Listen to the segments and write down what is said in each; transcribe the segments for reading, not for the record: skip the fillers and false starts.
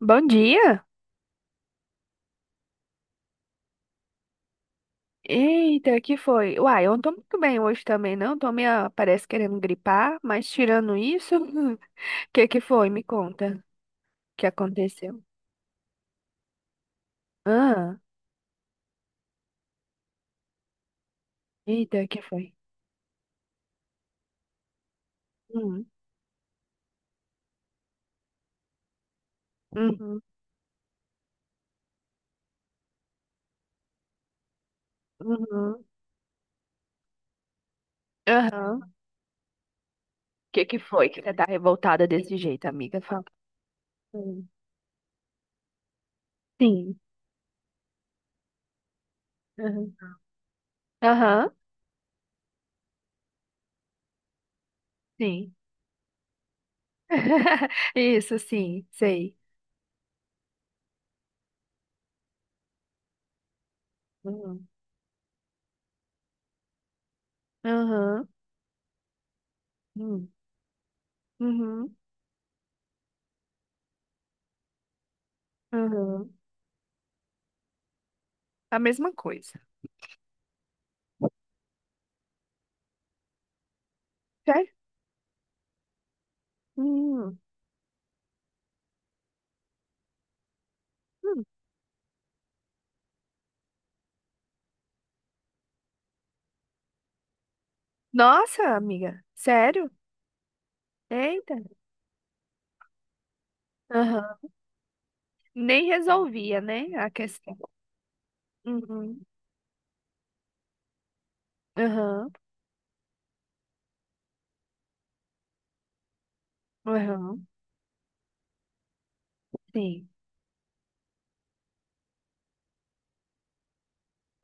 Bom dia! Eita, que foi? Uai, eu não tô muito bem hoje também, não. Tô meio, parece, querendo gripar, mas tirando isso, que foi? Me conta o que aconteceu. Ah, eita, que foi? Hum, uhum, uhum, aham. Que foi que você tá revoltada desse jeito, amiga? Fala. Hum, Sim. Aham, aham, sim. Isso, sim, sei. Uhum, aham, hum, uhum, aham. A mesma coisa. Sério? Hum. Nossa, amiga, sério? Eita. Aham. Nem resolvia, né, a questão. Uhum. Aham. Aham. Sim.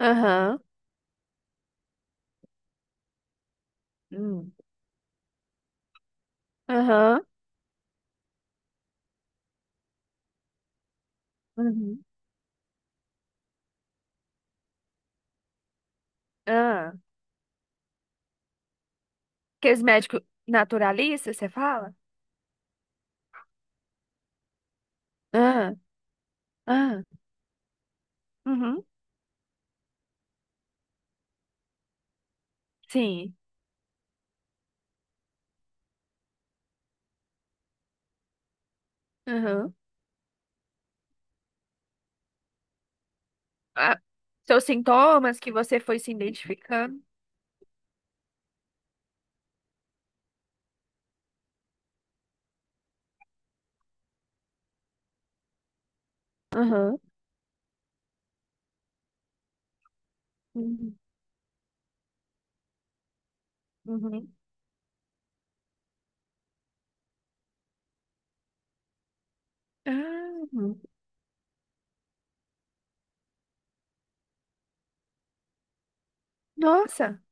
Aham. Hum. Aham. Uhum. Ah. Aqueles médicos naturalistas, você fala? Ah. Ah. Uhum. Sim. Aham. Ah. Seus sintomas que você foi se identificando. Aham. Uhum. Uhum. Ah. Nossa.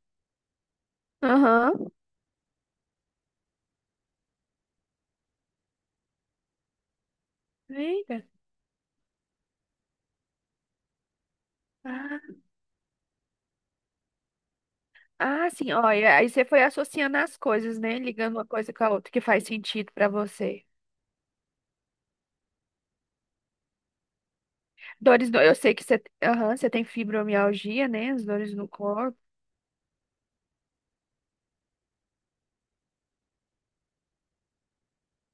Aham. Eita. Ah. Ah, sim, olha, aí você foi associando as coisas, né? Ligando uma coisa com a outra que faz sentido pra você. Dores, eu sei que você, aham, você tem fibromialgia, né? As dores no corpo.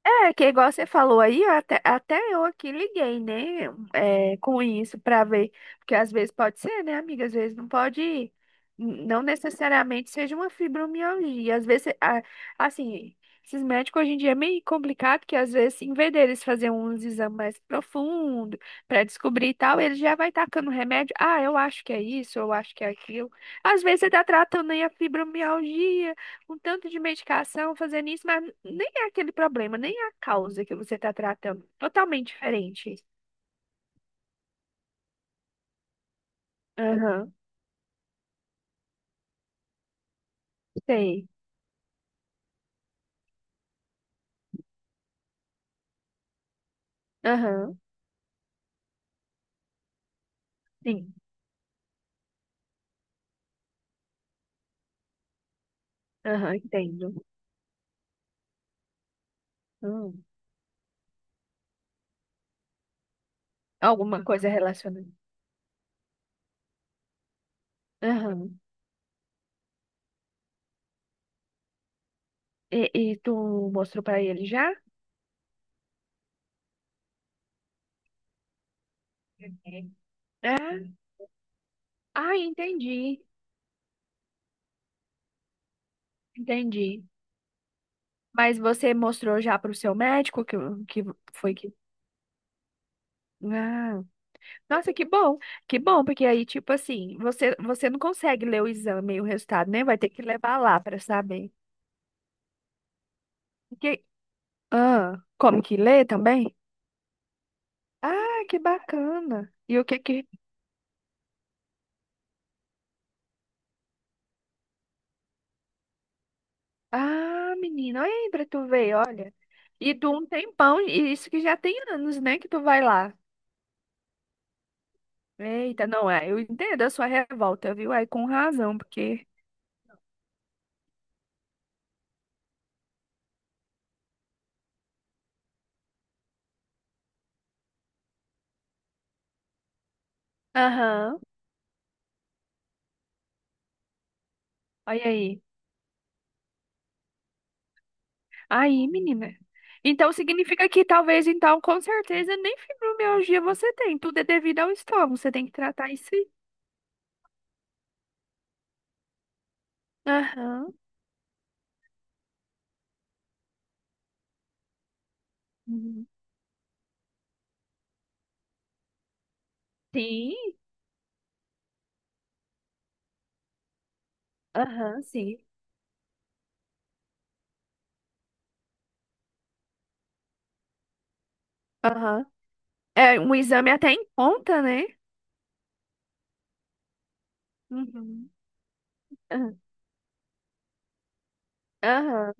É, que igual você falou aí, até eu aqui liguei, né, é, com isso pra ver, porque às vezes pode ser, né, amiga, às vezes não pode, não necessariamente seja uma fibromialgia, às vezes, assim, esses médicos hoje em dia é meio complicado, que às vezes, em vez deles fazer uns exames mais profundos pra descobrir e tal, eles já vai tacando remédio, ah, eu acho que é isso, eu acho que é aquilo, às vezes você tá tratando aí a fibromialgia, com tanto de medicação fazendo isso, mas nem é aquele problema, nem é a causa que você está tratando. Totalmente diferente. Aham, sei. Aham, sim. Aham, entendo. Hum, Alguma coisa relacionada. Aham. E tu mostrou para ele já? Uhum. É? Ah, entendi. Entendi. Mas você mostrou já para o seu médico que foi que. Ah. Nossa, que bom, porque aí, tipo assim, você não consegue ler o exame e o resultado, né? Vai ter que levar lá para saber. E ah, como que lê também? Ah, que bacana. E o que que. Ah, menina, olha aí pra tu ver, olha. E tu um tempão, e isso que já tem anos, né, que tu vai lá. Eita, não, é, eu entendo a sua revolta, viu? Aí com razão, porque. Aham, olha aí. Aí, menina. Então significa que talvez, então, com certeza, nem fibromialgia você tem. Tudo é devido ao estômago. Você tem que tratar isso aí. Aham. Uhum. Sim. Aham, sim. Aham. É um exame até em conta, né? Uhum. Aham. Aham.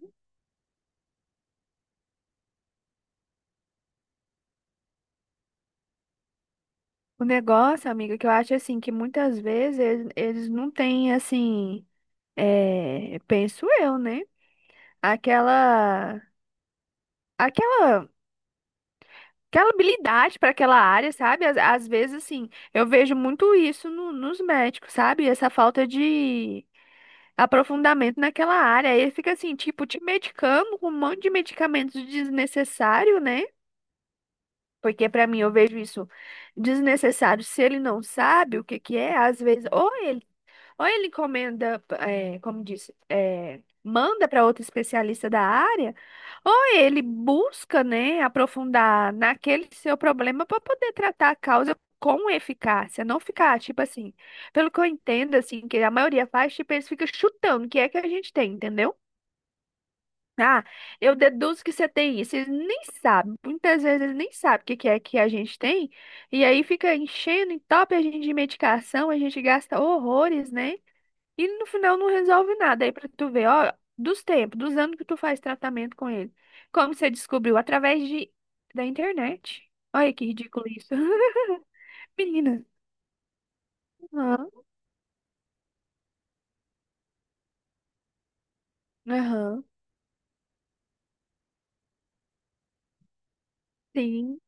O negócio, amiga, que eu acho assim, que muitas vezes eles não têm assim, é, penso eu, né? Aquela. Aquela. Aquela habilidade para aquela área, sabe? Às vezes, assim, eu vejo muito isso nos médicos, sabe? Essa falta de aprofundamento naquela área. Aí fica assim, tipo, te medicando com um monte de medicamentos desnecessário, né? Porque para mim eu vejo isso desnecessário se ele não sabe o que que é, às vezes, ou ele encomenda, é, como disse, é, manda para outro especialista da área, ou ele busca, né, aprofundar naquele seu problema para poder tratar a causa com eficácia, não ficar, tipo assim, pelo que eu entendo, assim, que a maioria faz, tipo, eles ficam chutando o que é que a gente tem, entendeu? Ah, eu deduzo que você tem isso. Eles nem sabem, muitas vezes eles nem sabem o que que é que a gente tem, e aí fica enchendo, entope a gente de medicação, a gente gasta horrores, né? E no final não resolve nada. Aí pra tu ver, ó, dos tempos, dos anos que tu faz tratamento com ele. Como você descobriu? Através de, da internet. Olha que ridículo isso. Menina. Aham, aham. Sim.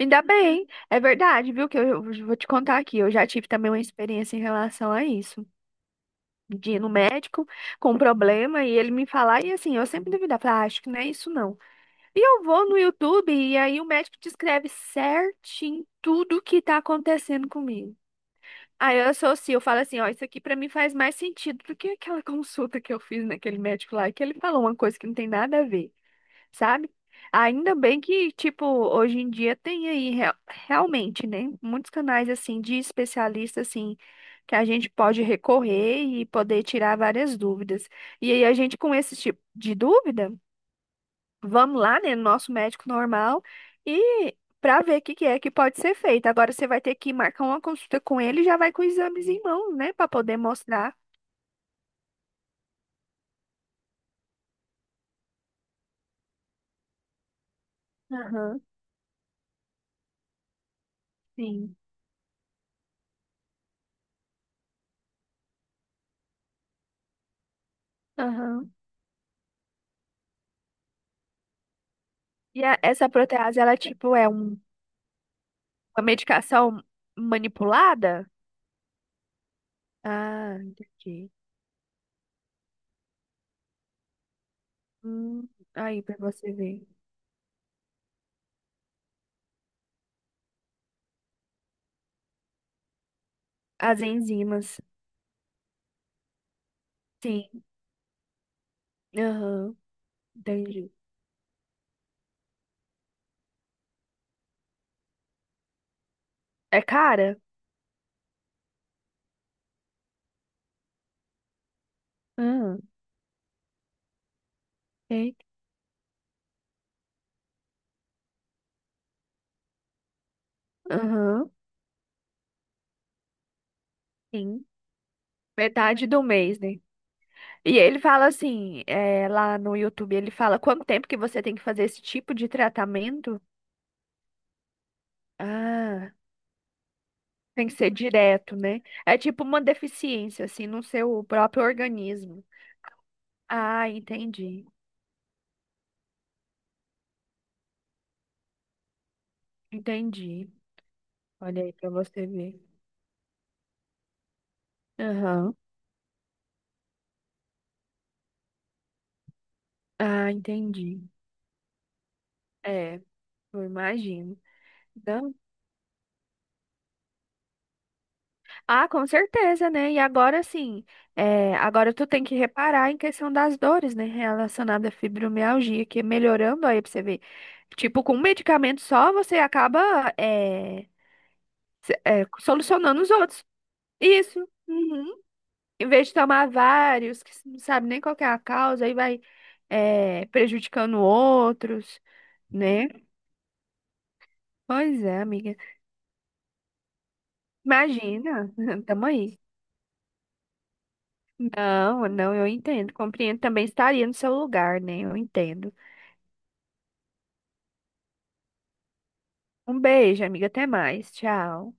Ainda bem. É verdade, viu? Que eu vou te contar aqui. Eu já tive também uma experiência em relação a isso. De ir no médico com um problema e ele me falar, e assim, eu sempre duvidava, falar, ah, acho que não é isso não. E eu vou no YouTube e aí o médico descreve certinho tudo o que tá acontecendo comigo. Aí eu associo, eu falo assim, ó, isso aqui pra mim faz mais sentido do que aquela consulta que eu fiz naquele médico lá, que ele falou uma coisa que não tem nada a ver, sabe? Ainda bem que, tipo, hoje em dia tem aí realmente, né, muitos canais assim de especialista assim que a gente pode recorrer e poder tirar várias dúvidas. E aí a gente com esse tipo de dúvida vamos lá, né, no nosso médico normal e para ver o que que é que pode ser feito. Agora você vai ter que marcar uma consulta com ele e já vai com os exames em mãos, né, para poder mostrar. Aham, sim. Aham. E essa protease, ela tipo uma medicação manipulada? Ah, entendi. Hum, aí para você ver. As enzimas. Sim. Aham, entendi. É cara? Aham. Eita. Aham. Sim. Metade do mês, né? E ele fala assim, é, lá no YouTube, ele fala quanto tempo que você tem que fazer esse tipo de tratamento? Ah, tem que ser direto, né? É tipo uma deficiência, assim, no seu próprio organismo. Ah, entendi, entendi. Olha aí pra você ver. Aham. Ah, entendi. É, eu imagino. Ah, com certeza, né? E agora sim, é, agora tu tem que reparar em questão das dores, né? Relacionada à fibromialgia, que é melhorando aí pra você ver. Tipo, com um medicamento só, você acaba é, é, solucionando os outros. Isso. Uhum. Em vez de tomar vários, que você não sabe nem qual que é a causa, aí vai é, prejudicando outros, né? Pois é, amiga. Imagina, tamo aí. Não, não, eu entendo. Compreendo. Também estaria no seu lugar, né? Eu entendo. Um beijo, amiga. Até mais. Tchau.